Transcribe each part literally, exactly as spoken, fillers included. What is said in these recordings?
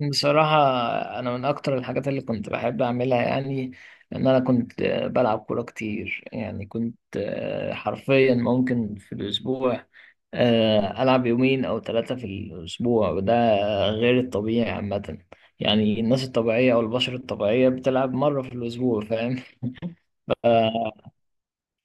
بصراحة، أنا من أكتر الحاجات اللي كنت بحب أعملها، يعني إن أنا كنت آه، بلعب كورة كتير. يعني كنت آه، حرفيا ممكن في الأسبوع آه، ألعب يومين أو ثلاثة في الأسبوع، وده غير الطبيعي عامة. يعني الناس الطبيعية أو البشر الطبيعية بتلعب مرة في الأسبوع، فاهم؟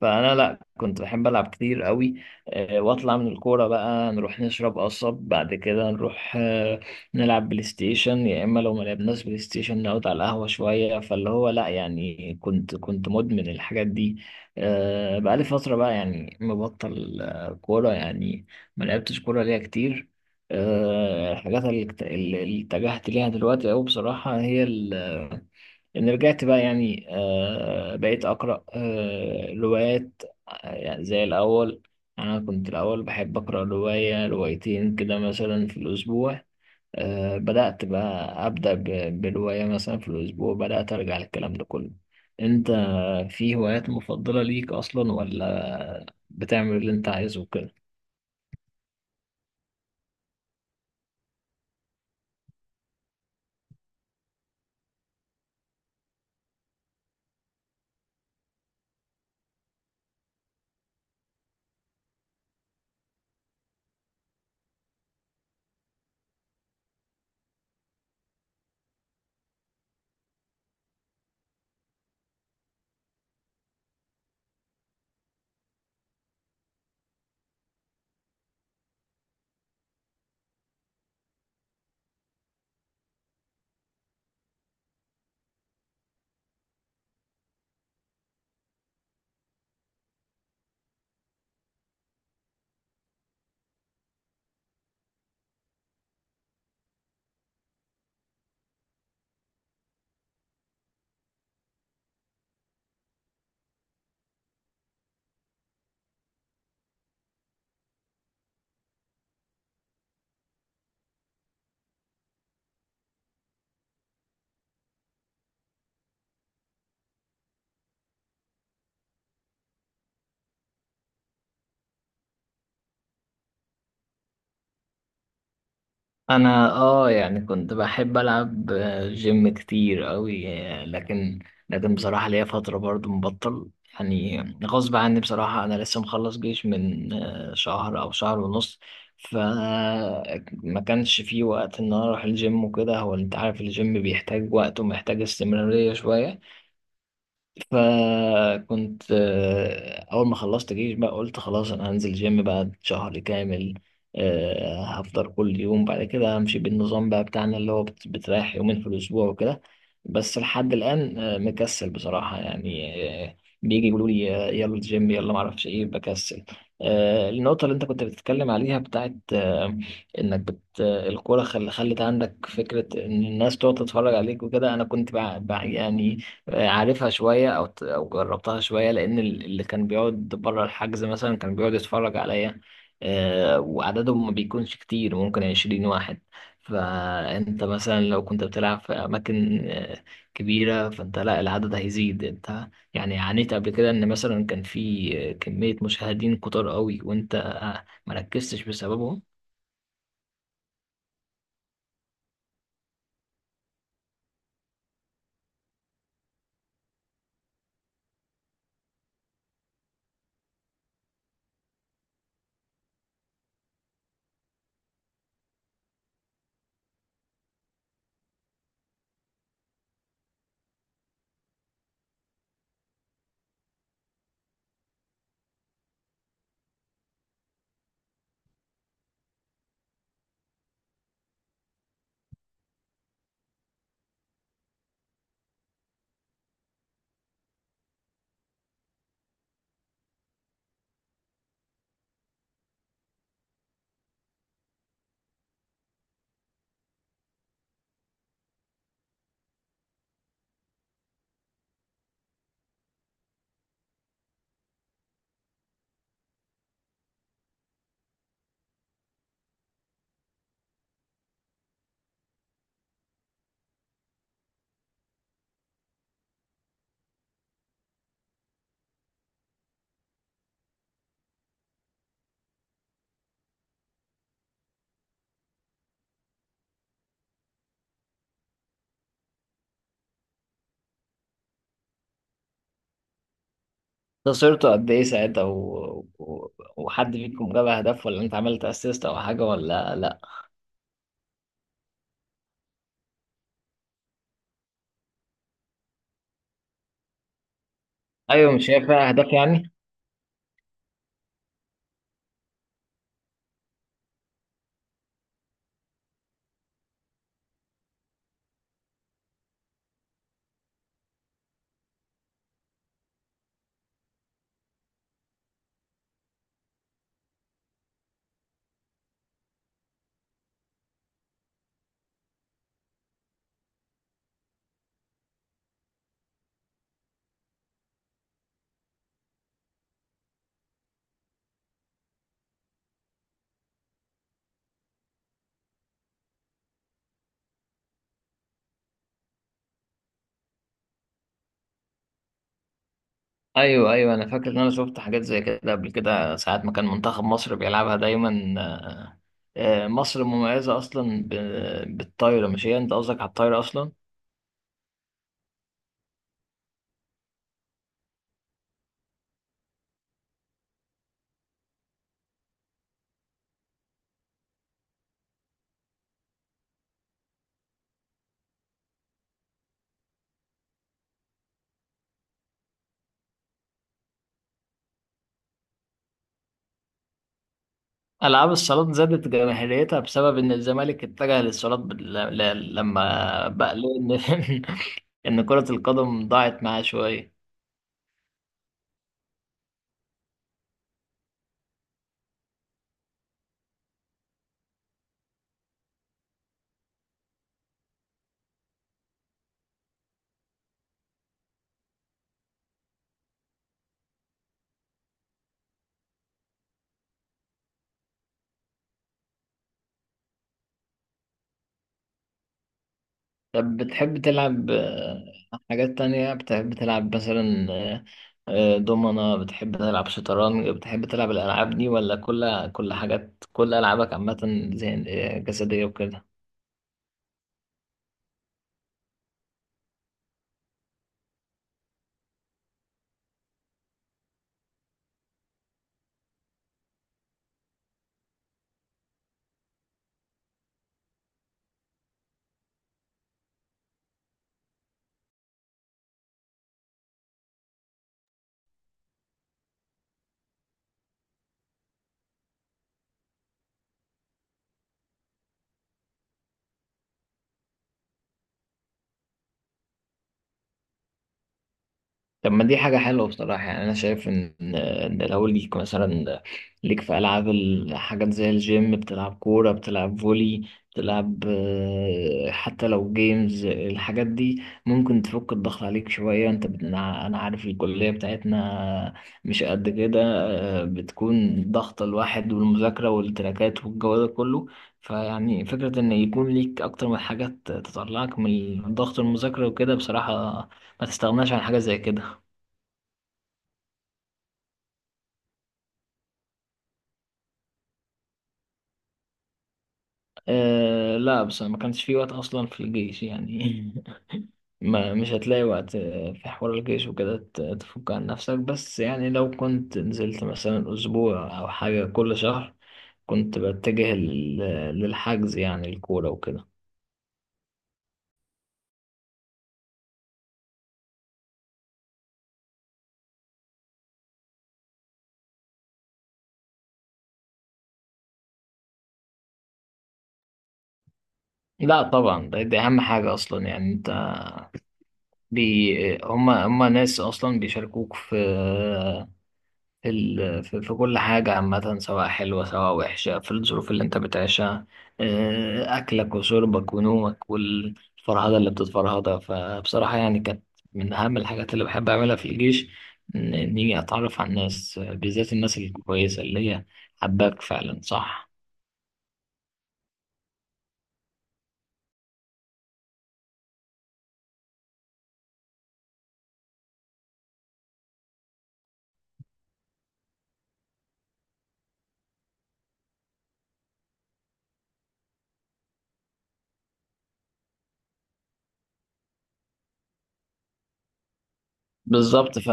فانا لا، كنت بحب العب كتير قوي. آه، واطلع من الكوره بقى نروح نشرب قصب، بعد كده نروح آه، نلعب بلاي ستيشن، يا اما لو ما لعبناش بلاي ستيشن نقعد على القهوه شويه، فاللي هو لا يعني كنت كنت مدمن الحاجات دي. آه، بقالي فتره بقى يعني مبطل آه، كوره يعني. ما لعبتش كوره ليا كتير. آه، الحاجات اللي اكت- اللي اتجهت ليها دلوقتي أوي، بصراحة هي يعني رجعت بقى، يعني آه بقيت أقرأ آه روايات. آه، يعني زي الأول. يعني أنا كنت الأول بحب أقرأ رواية روايتين كده مثلا في الأسبوع. آه بدأت بقى أبدأ ب- برواية مثلا في الأسبوع. بدأت أرجع للكلام ده كله. أنت في هوايات مفضلة ليك أصلا، ولا بتعمل اللي أنت عايزه وكده؟ انا اه يعني كنت بحب العب جيم كتير قوي. لكن، لكن بصراحه ليا فتره برضو مبطل يعني. غصب عني بصراحه، انا لسه مخلص جيش من آه، شهر او شهر ونص. فما كانش في وقت ان انا اروح الجيم وكده. هو انت عارف الجيم بيحتاج وقت ومحتاج استمراريه شويه. فكنت، آه، أول ما خلصت جيش بقى قلت خلاص أنا هنزل جيم بعد شهر كامل. آه، هفطر كل يوم، بعد كده همشي بالنظام بقى بتاعنا اللي هو بت- بتريح يومين في الأسبوع وكده. بس لحد الآن آه، مكسل بصراحة يعني. آه، بيجي يقولوا لي آه، يلا الجيم يلا معرفش إيه، بكسل. آه، النقطة اللي أنت كنت بتتكلم عليها بتاعت آه، إنك بت آه، الكورة خل- خلت عندك فكرة إن الناس تقعد تتفرج عليك وكده. أنا كنت بقى بقى يعني عارفها شوية أو أو جربتها شوية، لأن ال- اللي كان بيقعد بره الحجز مثلا كان بيقعد يتفرج عليا. آه، وعددهم ما بيكونش كتير، ممكن عشرين واحد. فأنت مثلا لو كنت بتلعب في أماكن آه، كبيرة، فأنت لا العدد هيزيد. أنت يعني عانيت قبل كده إن مثلا كان في آه، كمية مشاهدين كتار قوي، وأنت آه، مركزتش بسببهم. خسرته قد إيه ساعتها و... و... وحد فيكم جاب أهداف، ولا أنت عملت أسيست أو حاجة ولا؟ ايوه، مش هي فيها اهداف يعني؟ ايوه، ايوه، انا فاكر ان انا شفت حاجات زي كده قبل كده، ساعات ما كان منتخب مصر بيلعبها دايما. آه، مصر مميزه اصلا ب- بالطايره. مش هي انت قصدك على الطايره اصلا؟ العاب الصالات زادت جماهيريتها بسبب ان الزمالك اتجه للصالات، بال- ل- لما بقى ليه ان ان كره القدم ضاعت معاه شويه. طب بتحب تلعب آه، حاجات تانية؟ بتحب تلعب مثلا آه، آه، دومنة؟ بتحب تلعب شطرنج؟ بتحب تلعب الألعاب دي، ولا كل كل حاجات كل ألعابك عامة زي آه، جسدية وكده؟ طب ما دي حاجة حلوة بصراحة يعني. أنا شايف إن، إن لو ليك مثلا ليك في ألعاب، الحاجات زي الجيم، بتلعب كورة، بتلعب فولي، بتلعب آه، حتى لو جيمز، الحاجات دي ممكن تفك الضغط عليك شوية. أنت بت- أنا أنا عارف الكلية بتاعتنا مش قد كده. آه، بتكون ضغط الواحد والمذاكرة والتراكات والجو ده كله. فيعني فكرة إن يكون ليك أكتر من حاجات تطلعك من ضغط المذاكرة وكده، بصراحة ما تستغناش عن حاجة زي كده. أه لا، بس ما كانش في وقت اصلا في الجيش يعني. ما مش هتلاقي وقت آه، في حوار الجيش وكده ت- تفك عن نفسك. بس يعني لو كنت نزلت مثلا اسبوع او حاجة كل شهر، كنت بتجه لل- للحجز يعني، الكورة وكده. لا طبعا، ده- دي اهم حاجة اصلا يعني. انت بي هما هما ناس اصلا بيشاركوك في في ال- في في كل حاجة عامة، سواء حلوة سواء وحشة، في الظروف اللي انت بتعيشها. آه، أكلك وشربك ونومك والفرهدة اللي بتتفرهدها، فبصراحة يعني كانت من أهم الحاجات اللي بحب أعملها في الجيش. إن- إني أتعرف على الناس، آه، بالذات الناس الكويسة اللي هي حباك فعلا، صح. بالظبط. ف...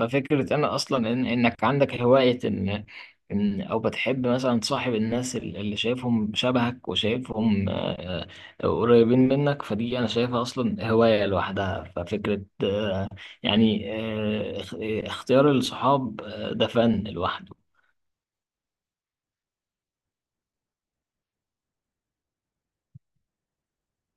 ففكرة أنا أصلا إن... إنك عندك هواية، إن... إن أو بتحب مثلا تصاحب الناس ال- اللي شايفهم شبهك، وشايفهم آه، آه، قريبين منك. فدي أنا شايفها أصلا هواية لوحدها، ففكرة آه، يعني آه، اخ- اختيار الصحاب آه، ده فن لوحده.